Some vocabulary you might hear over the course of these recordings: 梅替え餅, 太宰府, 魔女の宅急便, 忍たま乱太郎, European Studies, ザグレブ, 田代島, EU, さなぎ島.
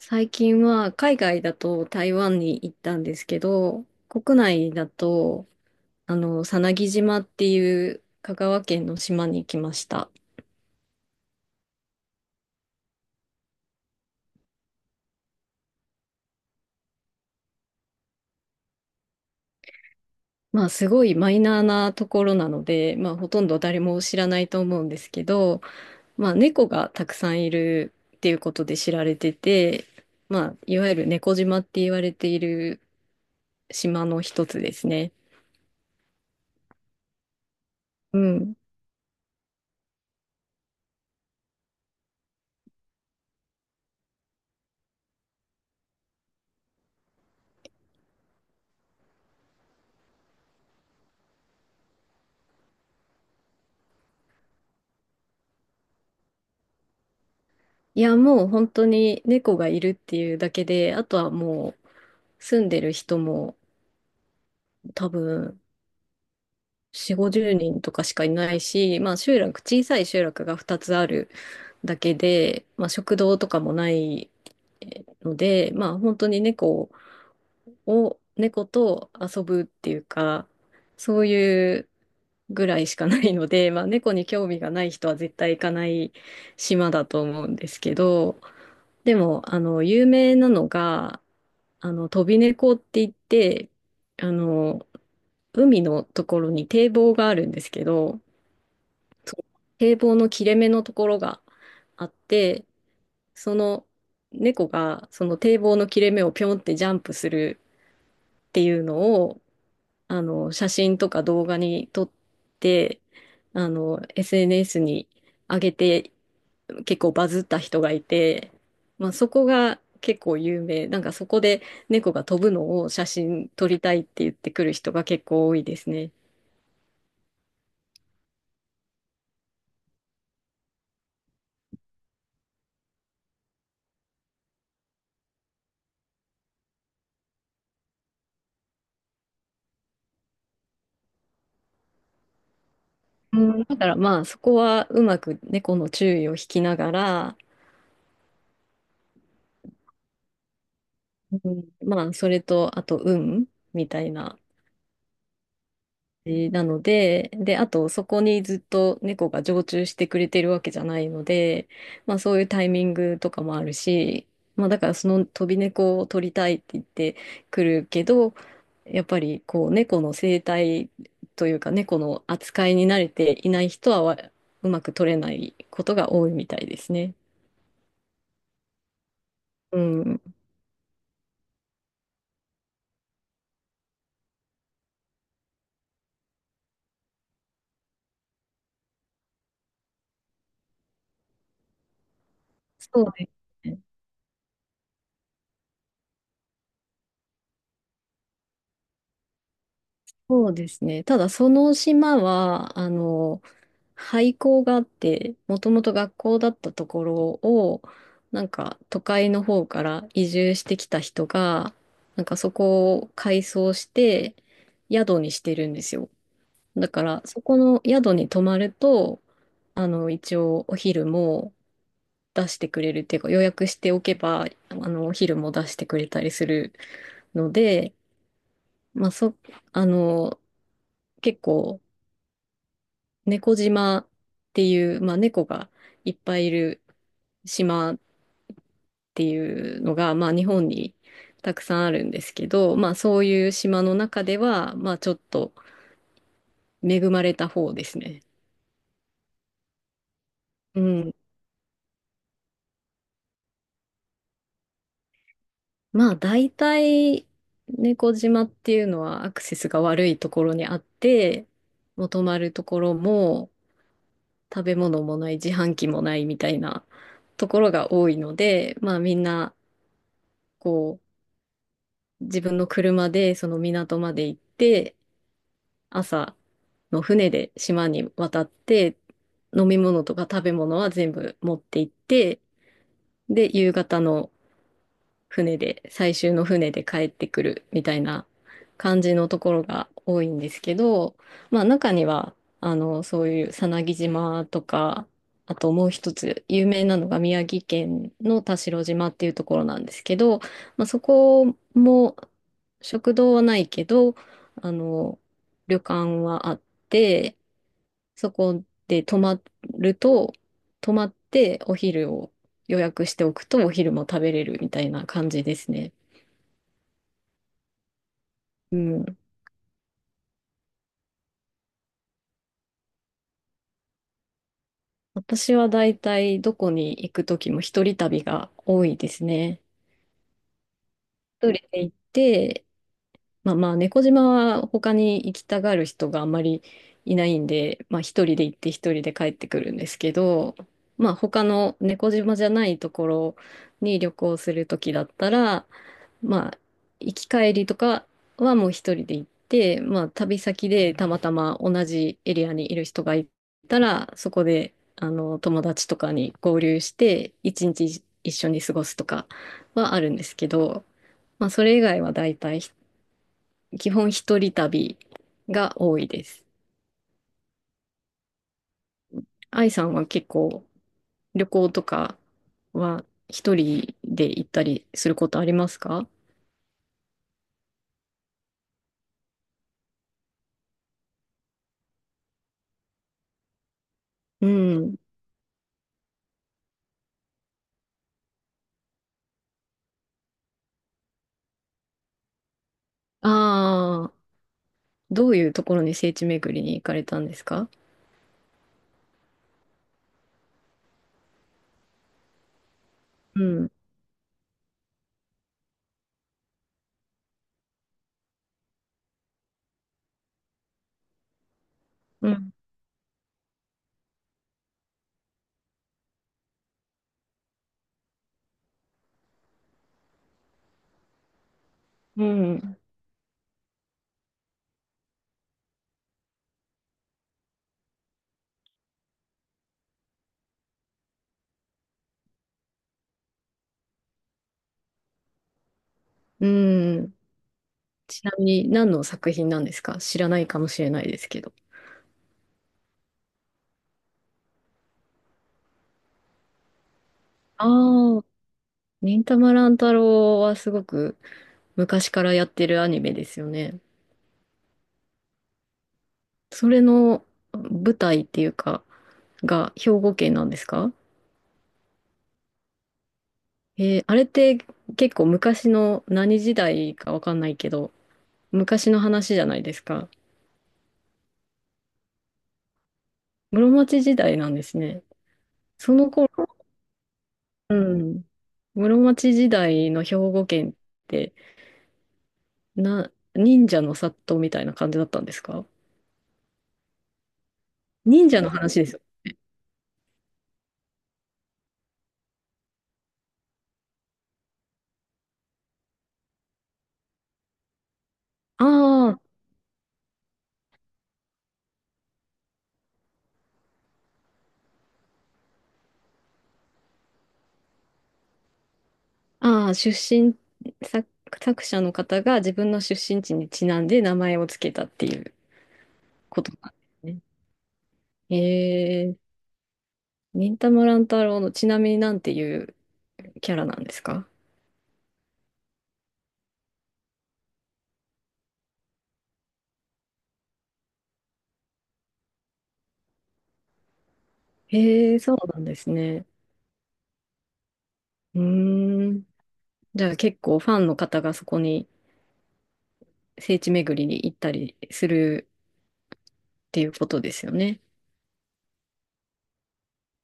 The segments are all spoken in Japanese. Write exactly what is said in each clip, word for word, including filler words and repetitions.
最近は海外だと台湾に行ったんですけど、国内だと、あの、さなぎ島っていう香川県の島に来ました。まあ、すごいマイナーなところなので、まあ、ほとんど誰も知らないと思うんですけど、まあ、猫がたくさんいるっていうことで知られてて、まあ、いわゆる猫島って言われている島の一つですね。うん。いや、もう本当に猫がいるっていうだけで、あとはもう住んでる人も多分よん、ごじゅうにんとかしかいないし、まあ集落、小さい集落がふたつあるだけで、まあ食堂とかもないので、まあ本当に猫を猫と遊ぶっていうか、そういうぐらいしかないので、まあ、猫に興味がない人は絶対行かない島だと思うんですけど、でも、あの、有名なのが、あの、飛び猫って言って、あの、海のところに堤防があるんですけど、そう堤防の切れ目のところがあって、その猫がその堤防の切れ目をピョンってジャンプするっていうのをあの、写真とか動画に撮って、あの、エスエヌエス に上げて、結構バズった人がいて、まあ、そこが結構有名。なんかそこで猫が飛ぶのを写真撮りたいって言ってくる人が結構多いですね。うん、だからまあそこはうまく猫の注意を引きながら、うん、まあそれとあと運みたいなじなので、で、あとそこにずっと猫が常駐してくれてるわけじゃないので、まあそういうタイミングとかもあるし、まあだからその飛び猫を取りたいって言ってくるけど、やっぱりこう猫の生態というか猫の扱いに慣れていない人はわうまく取れないことが多いみたいですね。うん。そうですね。そうですね。ただその島は、あの、廃校があって、もともと学校だったところを、なんか都会の方から移住してきた人が、なんかそこを改装して宿にしてるんですよ。だからそこの宿に泊まると、あの、一応お昼も出してくれるっていうか予約しておけば、あの、お昼も出してくれたりするので、まあそ、あの、結構、猫島っていう、まあ、猫がいっぱいいる島っていうのが、まあ、日本にたくさんあるんですけど、まあ、そういう島の中では、まあ、ちょっと恵まれた方ですね。うん。まあ、大体、猫島っていうのはアクセスが悪いところにあって、もう泊まるところも食べ物もない、自販機もないみたいなところが多いので、まあ、みんな、こう、自分の車でその港まで行って、朝の船で島に渡って、飲み物とか食べ物は全部持って行って、で、夕方の船で、最終の船で帰ってくるみたいな感じのところが多いんですけど、まあ中には、あの、そういうさなぎ島とか、あともう一つ有名なのが宮城県の田代島っていうところなんですけど、まあ、そこも食堂はないけど、あの、旅館はあって、そこで泊まると、泊まってお昼を予約しておくとお昼も食べれるみたいな感じですね。うん。私はだいたいどこに行くときも一人旅が多いですね。一人で行って、まあまあ猫島は他に行きたがる人があんまりいないんで、まあ一人で行って一人で帰ってくるんですけど、まあ他の猫島じゃないところに旅行するときだったら、まあ、行き帰りとかはもう一人で行って、まあ、旅先でたまたま同じエリアにいる人がいたら、そこで、あの、友達とかに合流して、一日一緒に過ごすとかはあるんですけど、まあ、それ以外は大体、基本一人旅が多いです。愛さんは結構旅行とかは一人で行ったりすることありますか？うん。ああ。どういうところに聖地巡りに行かれたんですか？うん。うん。うん。うん。ちなみに何の作品なんですか？知らないかもしれないですけど。ああ、忍たま乱太郎はすごく昔からやってるアニメですよね。それの舞台っていうか、が兵庫県なんですか？えーあれって結構昔の何時代かわかんないけど、昔の話じゃないですか。室町時代なんですね。その頃うん。室町時代の兵庫県って、な、忍者の殺到みたいな感じだったんですか？忍者の話ですよ。ああ、ああ、出身、作、作者の方が自分の出身地にちなんで名前をつけたっていうことなんですね。へえ、忍たま乱太郎のちなみになんていうキャラなんですか？へえ、そうなんですね。うーん。じゃあ結構ファンの方がそこに聖地巡りに行ったりするっていうことですよね。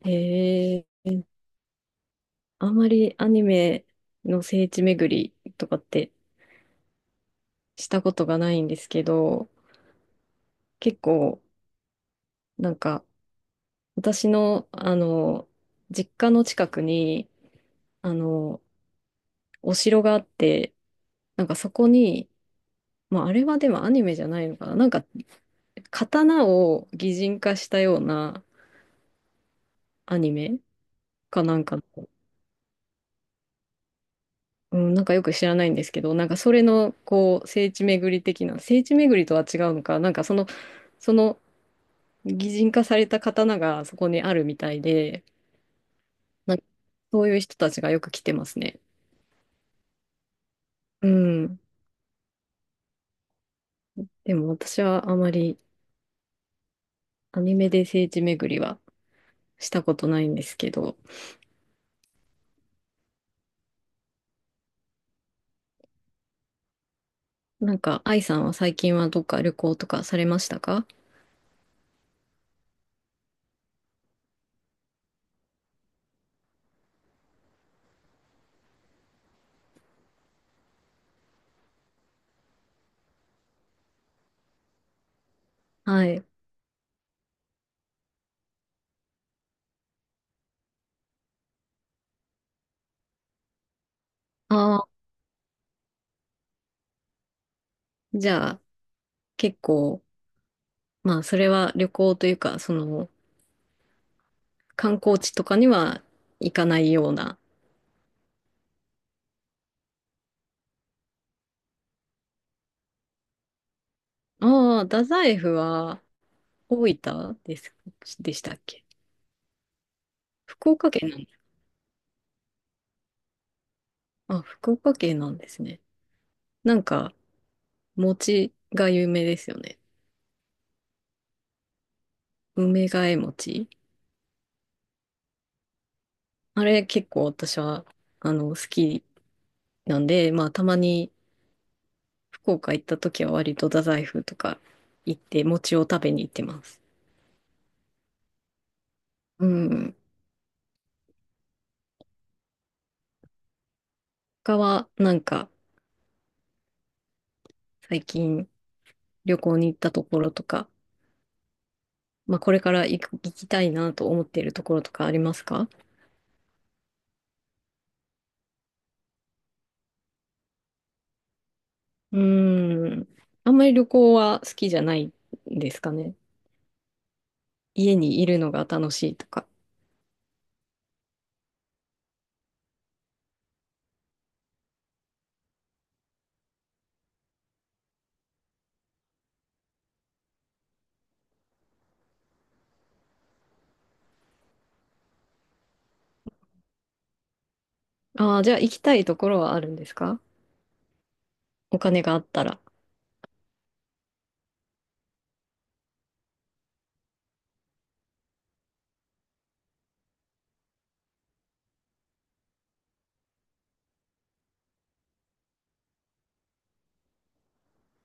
へえ、あんまりアニメの聖地巡りとかってしたことがないんですけど、結構なんか私のあの、実家の近くにあの、お城があって、なんかそこに、まああれはでもアニメじゃないのかな、なんか刀を擬人化したようなアニメかなんかのうん、なんかよく知らないんですけど、なんかそれのこう聖地巡り的な、聖地巡りとは違うのか、なんかその、その擬人化された刀がそこにあるみたいで、なんかそういう人たちがよく来てますね。うん。でも私はあまりアニメで聖地巡りはしたことないんですけど、なんか愛さんは最近はどっか旅行とかされましたか？はい。ああ、じゃあ結構、まあそれは旅行というか、その、観光地とかには行かないような。ああ、太宰府は大分です、でしたっけ？福岡県なんだ。あ、福岡県なんですね。なんか、餅が有名ですよね。梅替え餅。あれ結構私は、あの、好きなんで、まあ、たまに福岡行った時は割と太宰府とか行って餅を食べに行ってます。うん。他は、なんか、最近旅行に行ったところとか、まあ、これから行く、行きたいなと思っているところとかありますか？うーん。あんまり旅行は好きじゃないんですかね。家にいるのが楽しいとか。ああ、じゃあ行きたいところはあるんですか？お金があったら。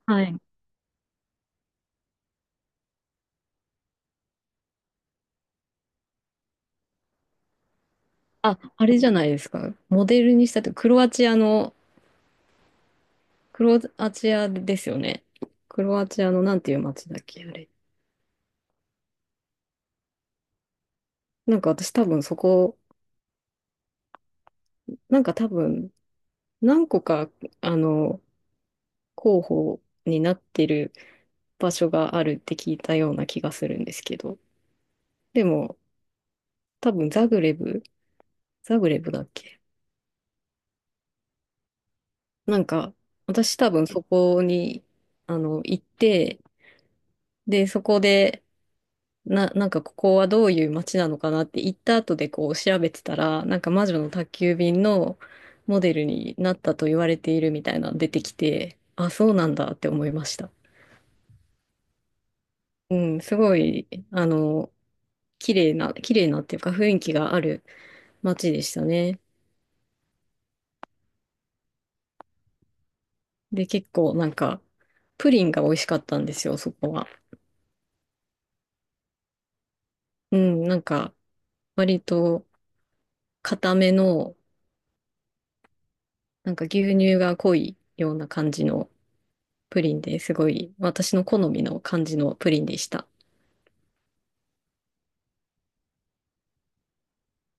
はい。あ、あれじゃないですか。モデルにしたって、クロアチアの、クロアチアですよね。クロアチアのなんていう街だっけ、あれ。なんか私多分そこ、なんか多分何個か、あの、候補になってる場所があるって聞いたような気がするんですけど。でも、多分ザグレブ、ザグレブだっけ、なんか、私多分そこに、あの、行って、で、そこで、な、なんかここはどういう街なのかなって行った後でこう調べてたら、なんか魔女の宅急便のモデルになったと言われているみたいなの出てきて、あ、そうなんだって思いました。うん、すごい、あの、綺麗な、綺麗なっていうか雰囲気がある街でしたね。で、結構なんか、プリンが美味しかったんですよ、そこは。うん、なんか、割と固めの、なんか牛乳が濃いような感じのプリンですごい、私の好みの感じのプリンでした。